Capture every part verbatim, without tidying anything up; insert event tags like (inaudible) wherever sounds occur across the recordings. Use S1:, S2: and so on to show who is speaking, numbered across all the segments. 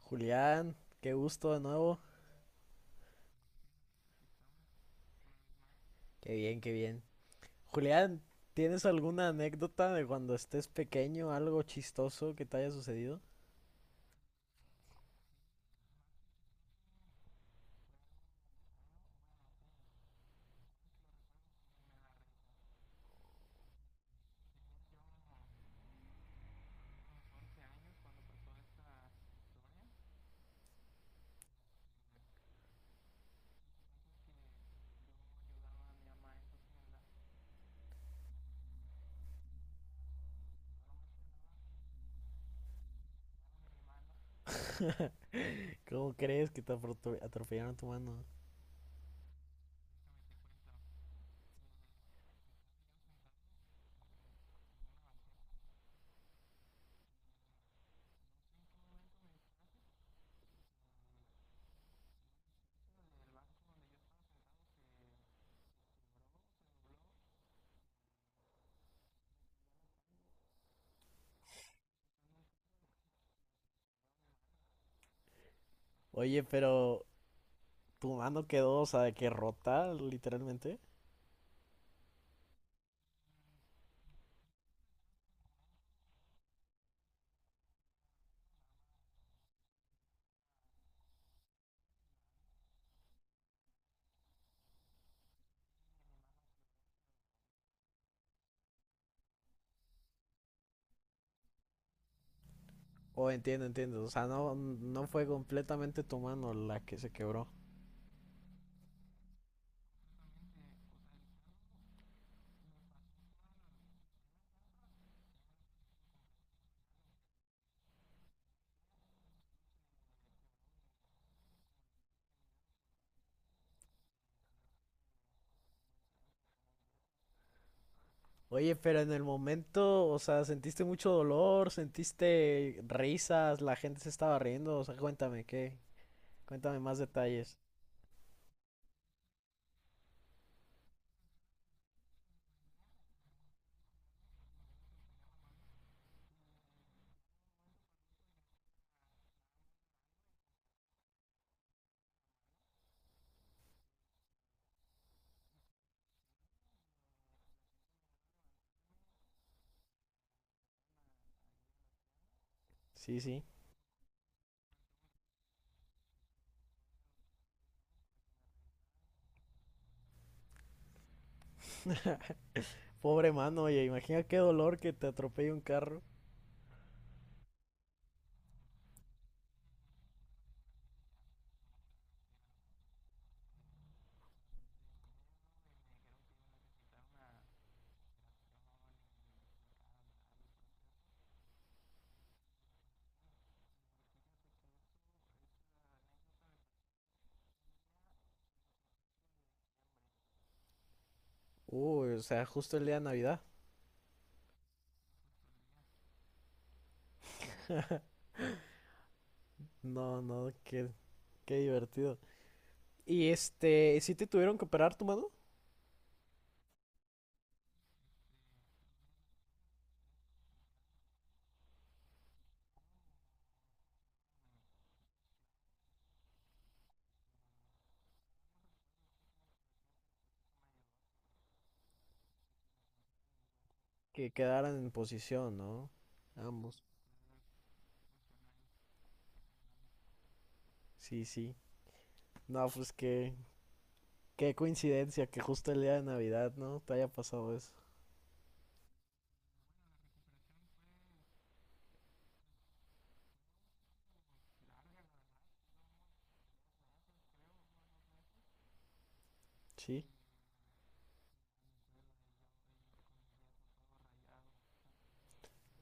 S1: Julián, qué gusto de nuevo. Qué bien, qué bien. Julián, ¿tienes alguna anécdota de cuando estés pequeño, algo chistoso que te haya sucedido? ¿Cómo crees que te aprotu- atropellaron tu mano? Oye, pero tu mano quedó, o sea, de que rota, literalmente. Oh, entiendo, entiendo. O sea, no, no fue completamente tu mano la que se quebró. Oye, pero en el momento, o sea, ¿sentiste mucho dolor? ¿Sentiste risas? ¿La gente se estaba riendo? O sea, cuéntame, ¿qué? Cuéntame más detalles. Sí, sí. Pobre mano, oye, imagina qué dolor que te atropelle un carro. Uy, o sea, justo el día de Navidad. No, no, qué, qué divertido. Y este, ¿sí te tuvieron que operar tu mano? Que quedaran en posición, ¿no? Ambos. Sí, sí. No, pues qué, qué coincidencia que justo el día de Navidad, ¿no? Te haya pasado eso. Sí.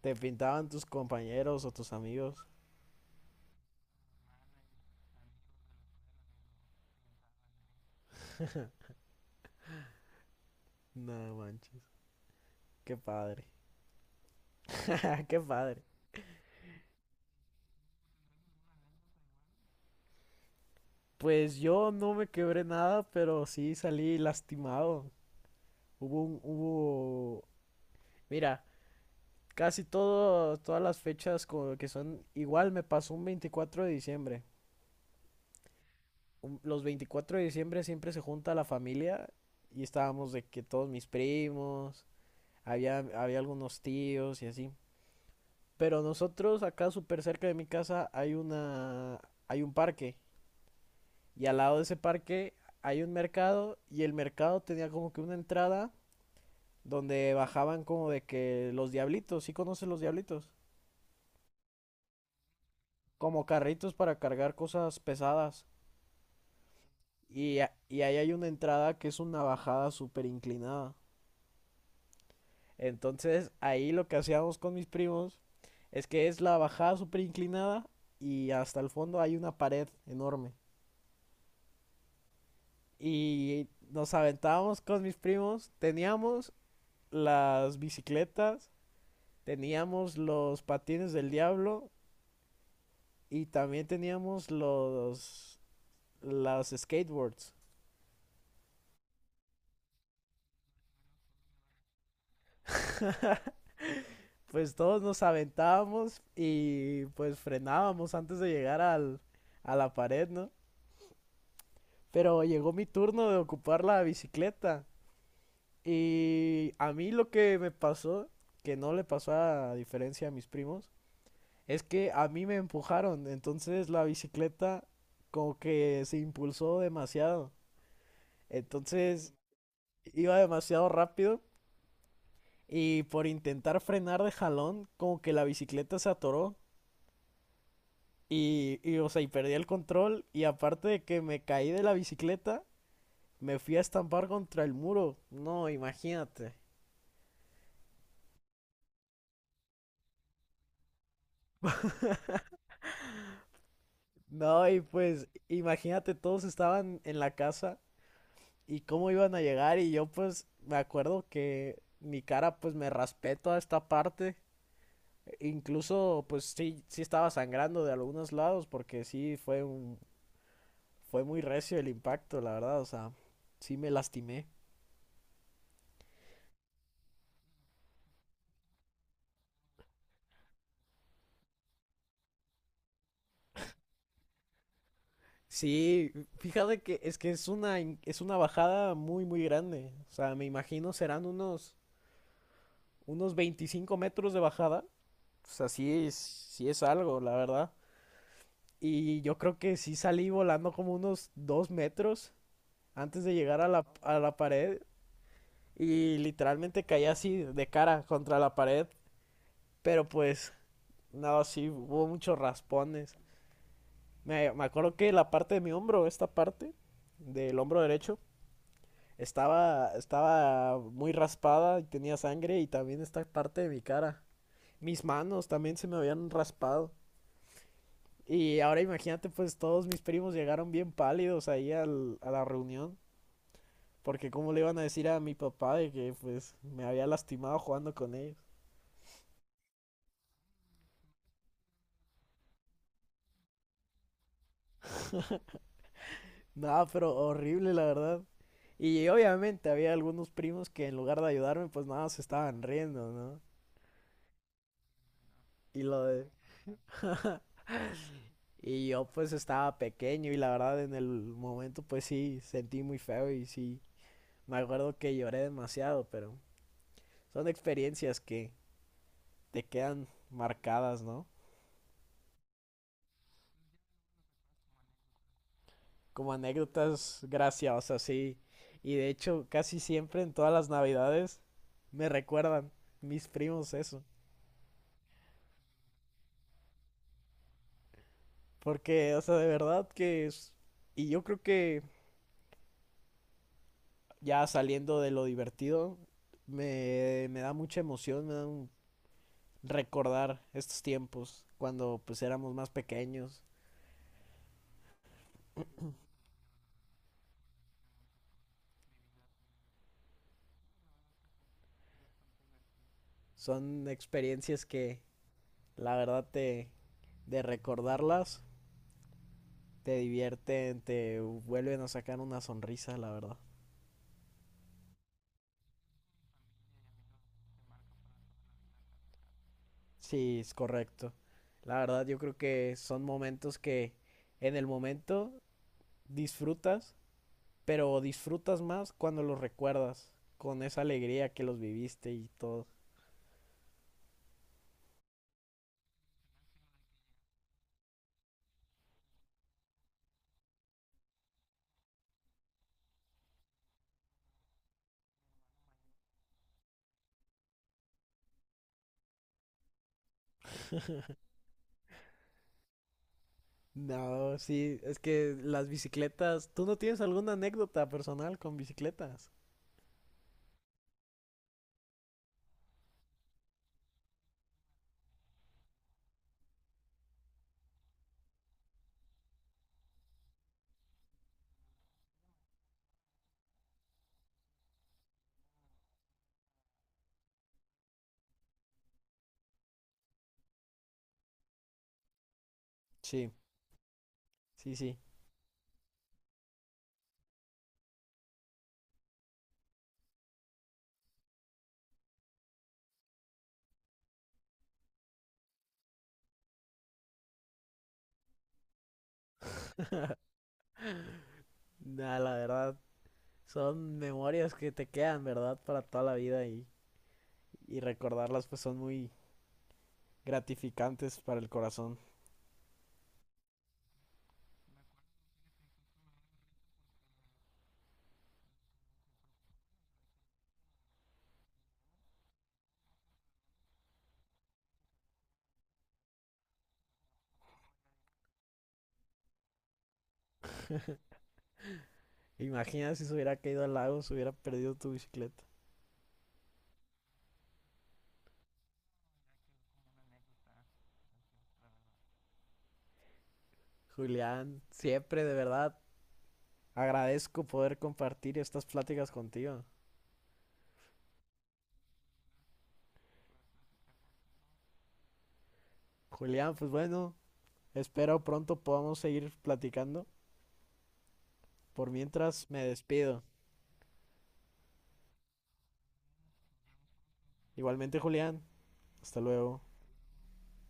S1: Te pintaban tus compañeros o tus amigos. No manches. Qué padre. (laughs) Qué padre. Pues yo no me quebré nada, pero sí salí lastimado. Hubo un, hubo, Mira, casi todo, todas las fechas co- que son igual me pasó un veinticuatro de diciembre. Un- los veinticuatro de diciembre siempre se junta la familia y estábamos de que todos mis primos, había, había algunos tíos y así. Pero nosotros acá súper cerca de mi casa hay una, hay un parque y al lado de ese parque hay un mercado, y el mercado tenía como que una entrada donde bajaban como de que los diablitos. ¿Sí conoces los diablitos? Como carritos para cargar cosas pesadas. Y, a- y ahí hay una entrada que es una bajada súper inclinada. Entonces ahí lo que hacíamos con mis primos es que es la bajada súper inclinada y hasta el fondo hay una pared enorme. Y nos aventábamos con mis primos. Teníamos las bicicletas, teníamos los patines del diablo y también teníamos los los skateboards. Pues todos nos aventábamos y pues frenábamos antes de llegar al, a la pared, ¿no? Pero llegó mi turno de ocupar la bicicleta. Y a mí lo que me pasó, que no le pasó a diferencia a mis primos, es que a mí me empujaron. Entonces la bicicleta como que se impulsó demasiado. Entonces iba demasiado rápido y, por intentar frenar de jalón, como que la bicicleta se atoró. Y, y, o sea, y perdí el control. Y aparte de que me caí de la bicicleta, me fui a estampar contra el muro. No, imagínate. No, y pues, imagínate, todos estaban en la casa y cómo iban a llegar. Y yo, pues, me acuerdo que mi cara, pues, me raspé toda esta parte. Incluso, pues, sí, sí estaba sangrando de algunos lados porque sí fue un, fue muy recio el impacto, la verdad. O sea, sí me lastimé. Sí, fíjate que es que es una, in- es una bajada muy, muy grande. O sea, me imagino serán unos, unos veinticinco metros de bajada. O sea, sí, es- sí es algo, la verdad. Y yo creo que sí salí volando como unos dos metros antes de llegar a la, a la pared. Y literalmente caí así de cara contra la pared. Pero pues, no, sí, hubo muchos raspones. Me, me acuerdo que la parte de mi hombro, esta parte del hombro derecho, estaba, estaba muy raspada y tenía sangre, y también esta parte de mi cara. Mis manos también se me habían raspado. Y ahora imagínate, pues todos mis primos llegaron bien pálidos ahí al- a la reunión. Porque cómo le iban a decir a mi papá de que pues me había lastimado jugando con ellos. Nada, pero horrible la verdad. Y obviamente había algunos primos que en lugar de ayudarme, pues nada, se estaban riendo, ¿no? Y lo de, Y yo pues estaba pequeño y la verdad en el momento pues sí sentí muy feo y sí me acuerdo que lloré demasiado, pero son experiencias que te quedan marcadas, ¿no? Como anécdotas graciosas, sí. Y de hecho casi siempre en todas las navidades me recuerdan mis primos eso. Porque, o sea, de verdad que es... Y yo creo que ya saliendo de lo divertido, me, me da mucha emoción, me da un recordar estos tiempos cuando pues éramos más pequeños. Son experiencias que la verdad te de recordarlas te divierten, te vuelven a sacar una sonrisa, la verdad. Sí, es correcto. La verdad yo creo que son momentos que en el momento disfrutas, pero disfrutas más cuando los recuerdas con esa alegría que los viviste y todo. (laughs) No, sí, es que las bicicletas. ¿Tú no tienes alguna anécdota personal con bicicletas? Sí, sí, sí. (laughs) Nah, la verdad, son memorias que te quedan, ¿verdad? Para toda la vida y, y recordarlas pues son muy gratificantes para el corazón. Imagina si se hubiera caído al lago, se hubiera perdido tu bicicleta. Julián, siempre de verdad agradezco poder compartir estas pláticas contigo. Julián, pues bueno, espero pronto podamos seguir platicando. Por mientras me despido. Igualmente, Julián, hasta luego.